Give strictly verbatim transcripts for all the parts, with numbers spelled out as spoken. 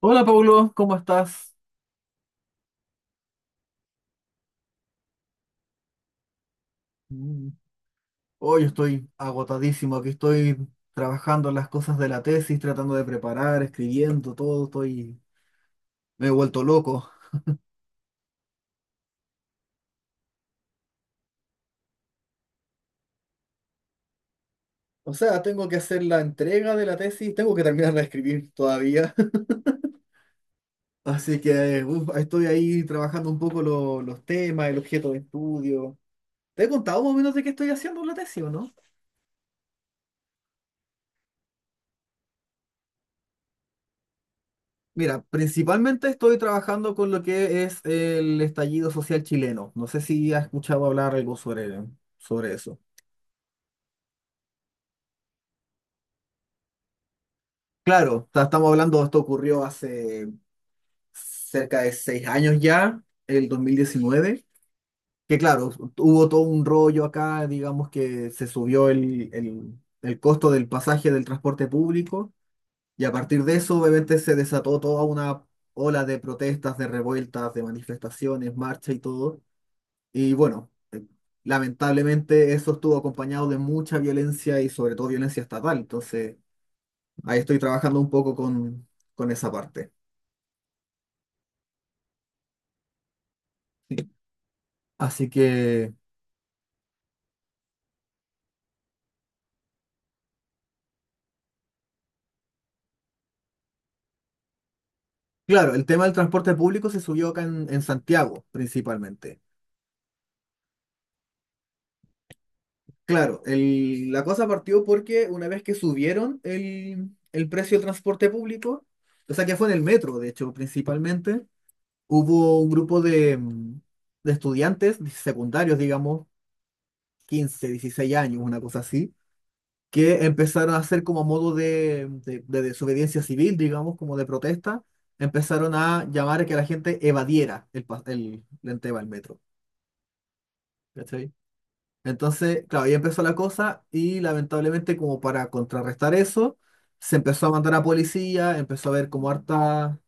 Hola Paulo, ¿cómo estás? Mm, hoy estoy agotadísimo, aquí estoy trabajando en las cosas de la tesis, tratando de preparar, escribiendo, todo, estoy... Me he vuelto loco. O sea, tengo que hacer la entrega de la tesis, tengo que terminar de escribir todavía. Así que uf, estoy ahí trabajando un poco lo- los temas, el objeto de estudio. ¿Te he contado más o menos de qué estoy haciendo en la tesis o no? Mira, principalmente estoy trabajando con lo que es el estallido social chileno. No sé si has escuchado hablar algo sobre, sobre eso. Claro, ta- estamos hablando, esto ocurrió hace cerca de seis años ya, el dos mil diecinueve, que claro, hubo todo un rollo acá, digamos que se subió el, el, el costo del pasaje del transporte público, y a partir de eso obviamente se desató toda una ola de protestas, de revueltas, de manifestaciones, marcha y todo. Y bueno, eh, lamentablemente eso estuvo acompañado de mucha violencia y sobre todo violencia estatal. Entonces, ahí estoy trabajando un poco con, con esa parte. Así que, claro, el tema del transporte público se subió acá en, en Santiago, principalmente. Claro, el- la cosa partió porque una vez que subieron el, el precio del transporte público, o sea que fue en el metro, de hecho, principalmente, hubo un grupo de, mm, de estudiantes secundarios, digamos, quince, dieciséis años, una cosa así, que empezaron a hacer como modo de, de- de desobediencia civil, digamos, como de protesta, empezaron a llamar a que la gente evadiera el, pa- el, el tema del metro. ¿Cachai? Entonces, claro, ahí empezó la cosa y lamentablemente como para contrarrestar eso, se empezó a mandar a policía, empezó a haber como harta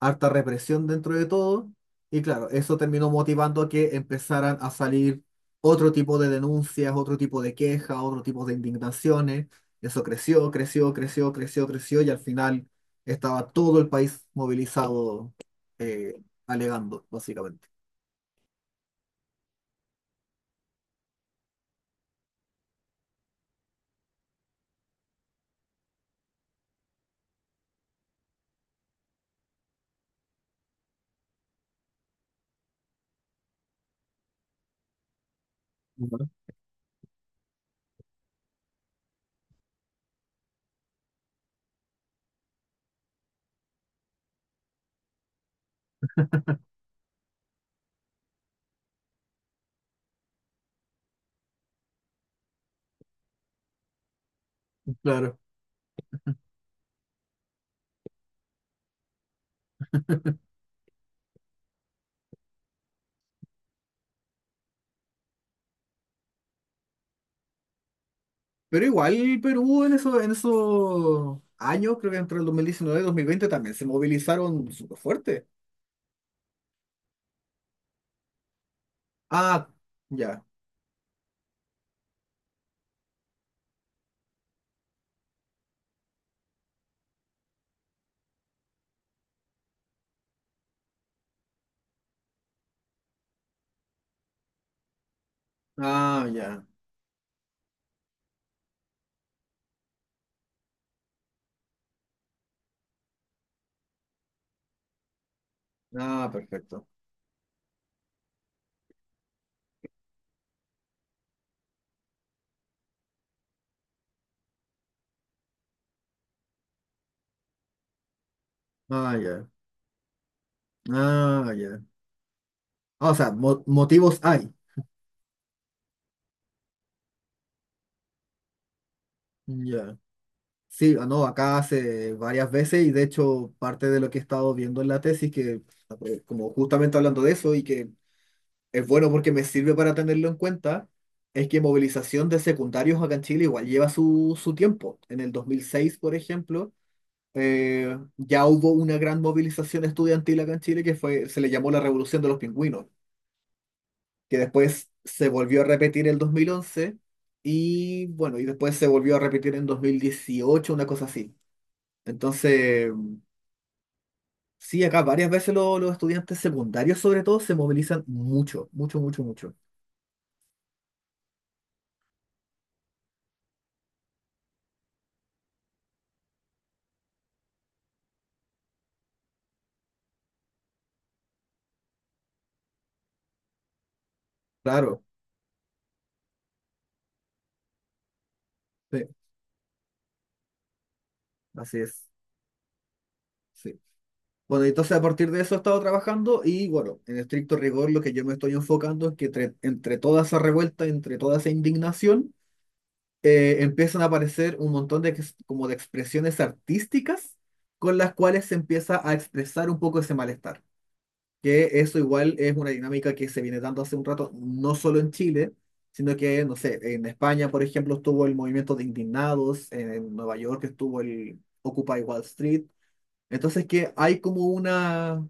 harta represión dentro de todo, y claro, eso terminó motivando a que empezaran a salir otro tipo de denuncias, otro tipo de quejas, otro tipo de indignaciones. Eso creció, creció, creció, creció, creció, y al final estaba todo el país movilizado, eh, alegando, básicamente. Ujú. Claro. Pero igual Perú en eso, en esos años, creo que entre el dos mil diecinueve y dos mil veinte también se movilizaron súper fuerte. Ah, ya. Ah, ya. Ah, perfecto. Ah, ya. Ah, ya. Ah, o sea, mo- motivos hay. Ya. Sí, ah, no, acá hace varias veces y de hecho parte de lo que he estado viendo en la tesis, que eh, como justamente hablando de eso y que es bueno porque me sirve para tenerlo en cuenta, es que movilización de secundarios acá en Chile igual lleva su, su tiempo. En el dos mil seis, por ejemplo, eh, ya hubo una gran movilización estudiantil acá en Chile que fue, se le llamó la Revolución de los Pingüinos, que después se volvió a repetir el dos mil once y bueno, y después se volvió a repetir en dos mil dieciocho, una cosa así. Entonces, sí, acá varias veces lo- los estudiantes secundarios sobre todo se movilizan mucho, mucho, mucho, mucho. Claro, sí, así es, sí. Bueno, entonces a partir de eso he estado trabajando y bueno, en estricto rigor lo que yo me estoy enfocando es que entre, entre toda esa revuelta, entre toda esa indignación, eh, empiezan a aparecer un montón de, ex- como de expresiones artísticas con las cuales se empieza a expresar un poco ese malestar. Que eso igual es una dinámica que se viene dando hace un rato, no solo en Chile, sino que, no sé, en España, por ejemplo, estuvo el movimiento de indignados, en Nueva York estuvo el Occupy Wall Street. Entonces que hay como una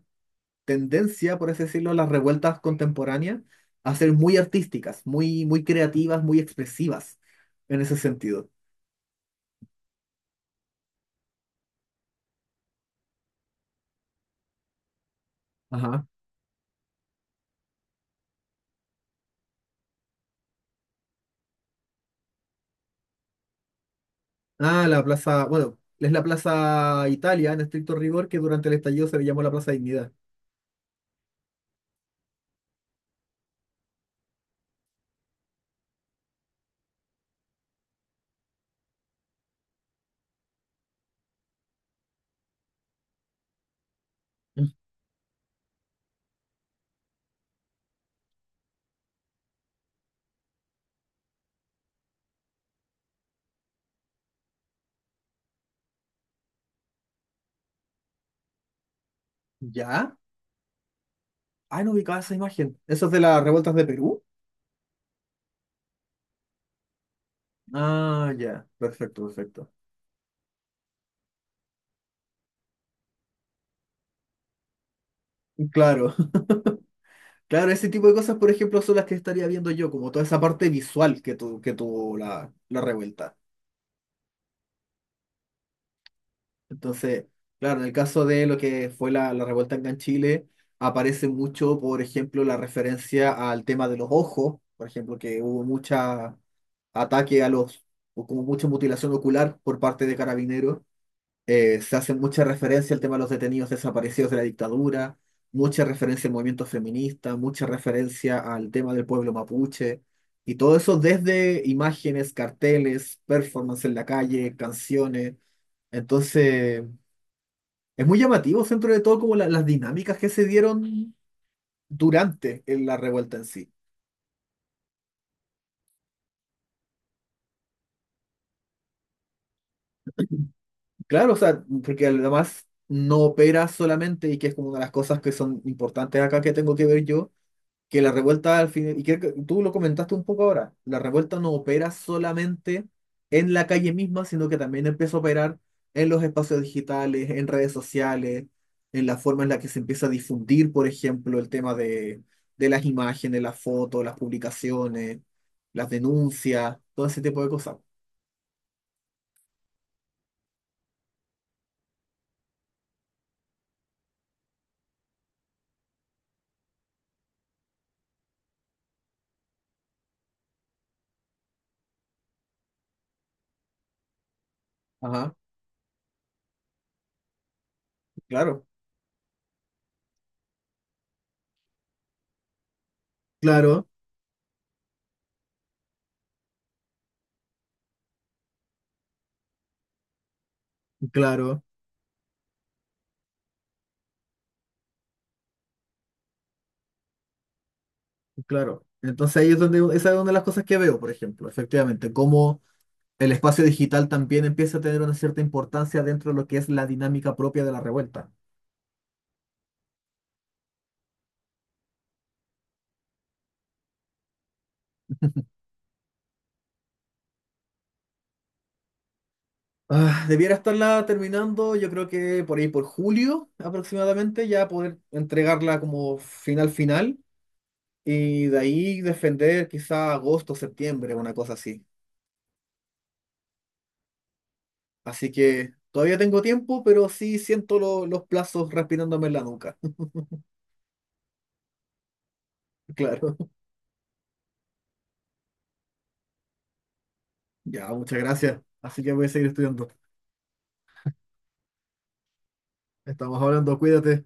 tendencia, por así decirlo, las revueltas contemporáneas a ser muy artísticas, muy, muy creativas, muy expresivas en ese sentido. Ajá. Ah, la plaza, bueno, es la Plaza Italia en estricto rigor que durante el estallido se le llamó la Plaza Dignidad. Mm. ¿Ya? Ah, no ubicaba esa imagen. ¿Eso es de las revueltas de Perú? Ah, ya, perfecto, perfecto. Claro, claro, ese tipo de cosas, por ejemplo, son las que estaría viendo yo, como toda esa parte visual que, tu, que tuvo la, la revuelta. Entonces, claro, en el caso de lo que fue la, la revuelta acá en Chile, aparece mucho, por ejemplo, la referencia al tema de los ojos, por ejemplo, que hubo mucha ataque a los, o como mucho mutilación ocular por parte de carabineros. Eh, se hace mucha referencia al tema de los detenidos desaparecidos de la dictadura, mucha referencia al movimiento feminista, mucha referencia al tema del pueblo mapuche, y todo eso desde imágenes, carteles, performance en la calle, canciones. Entonces, es muy llamativo dentro de todo como la- las dinámicas que se dieron durante la revuelta en sí. Claro, o sea, porque además no opera solamente y que es como una de las cosas que son importantes acá que tengo que ver yo, que la revuelta al final, y que que tú lo comentaste un poco ahora, la revuelta no opera solamente en la calle misma, sino que también empieza a operar en los espacios digitales, en redes sociales, en la forma en la que se empieza a difundir, por ejemplo, el tema de, de las imágenes, las fotos, las publicaciones, las denuncias, todo ese tipo de cosas. Ajá, claro, claro, claro. Claro, entonces ahí es donde, esa es una de las cosas que veo, por ejemplo, efectivamente, cómo el espacio digital también empieza a tener una cierta importancia dentro de lo que es la dinámica propia de la revuelta. Ah, debiera estarla terminando, yo creo que por ahí por julio aproximadamente, ya poder entregarla como final final y de ahí defender quizá agosto, septiembre, una cosa así. Así que todavía tengo tiempo, pero sí siento lo- los plazos respirándome en la nuca. Claro, ya, muchas gracias. Así que voy a seguir estudiando. Estamos hablando, cuídate.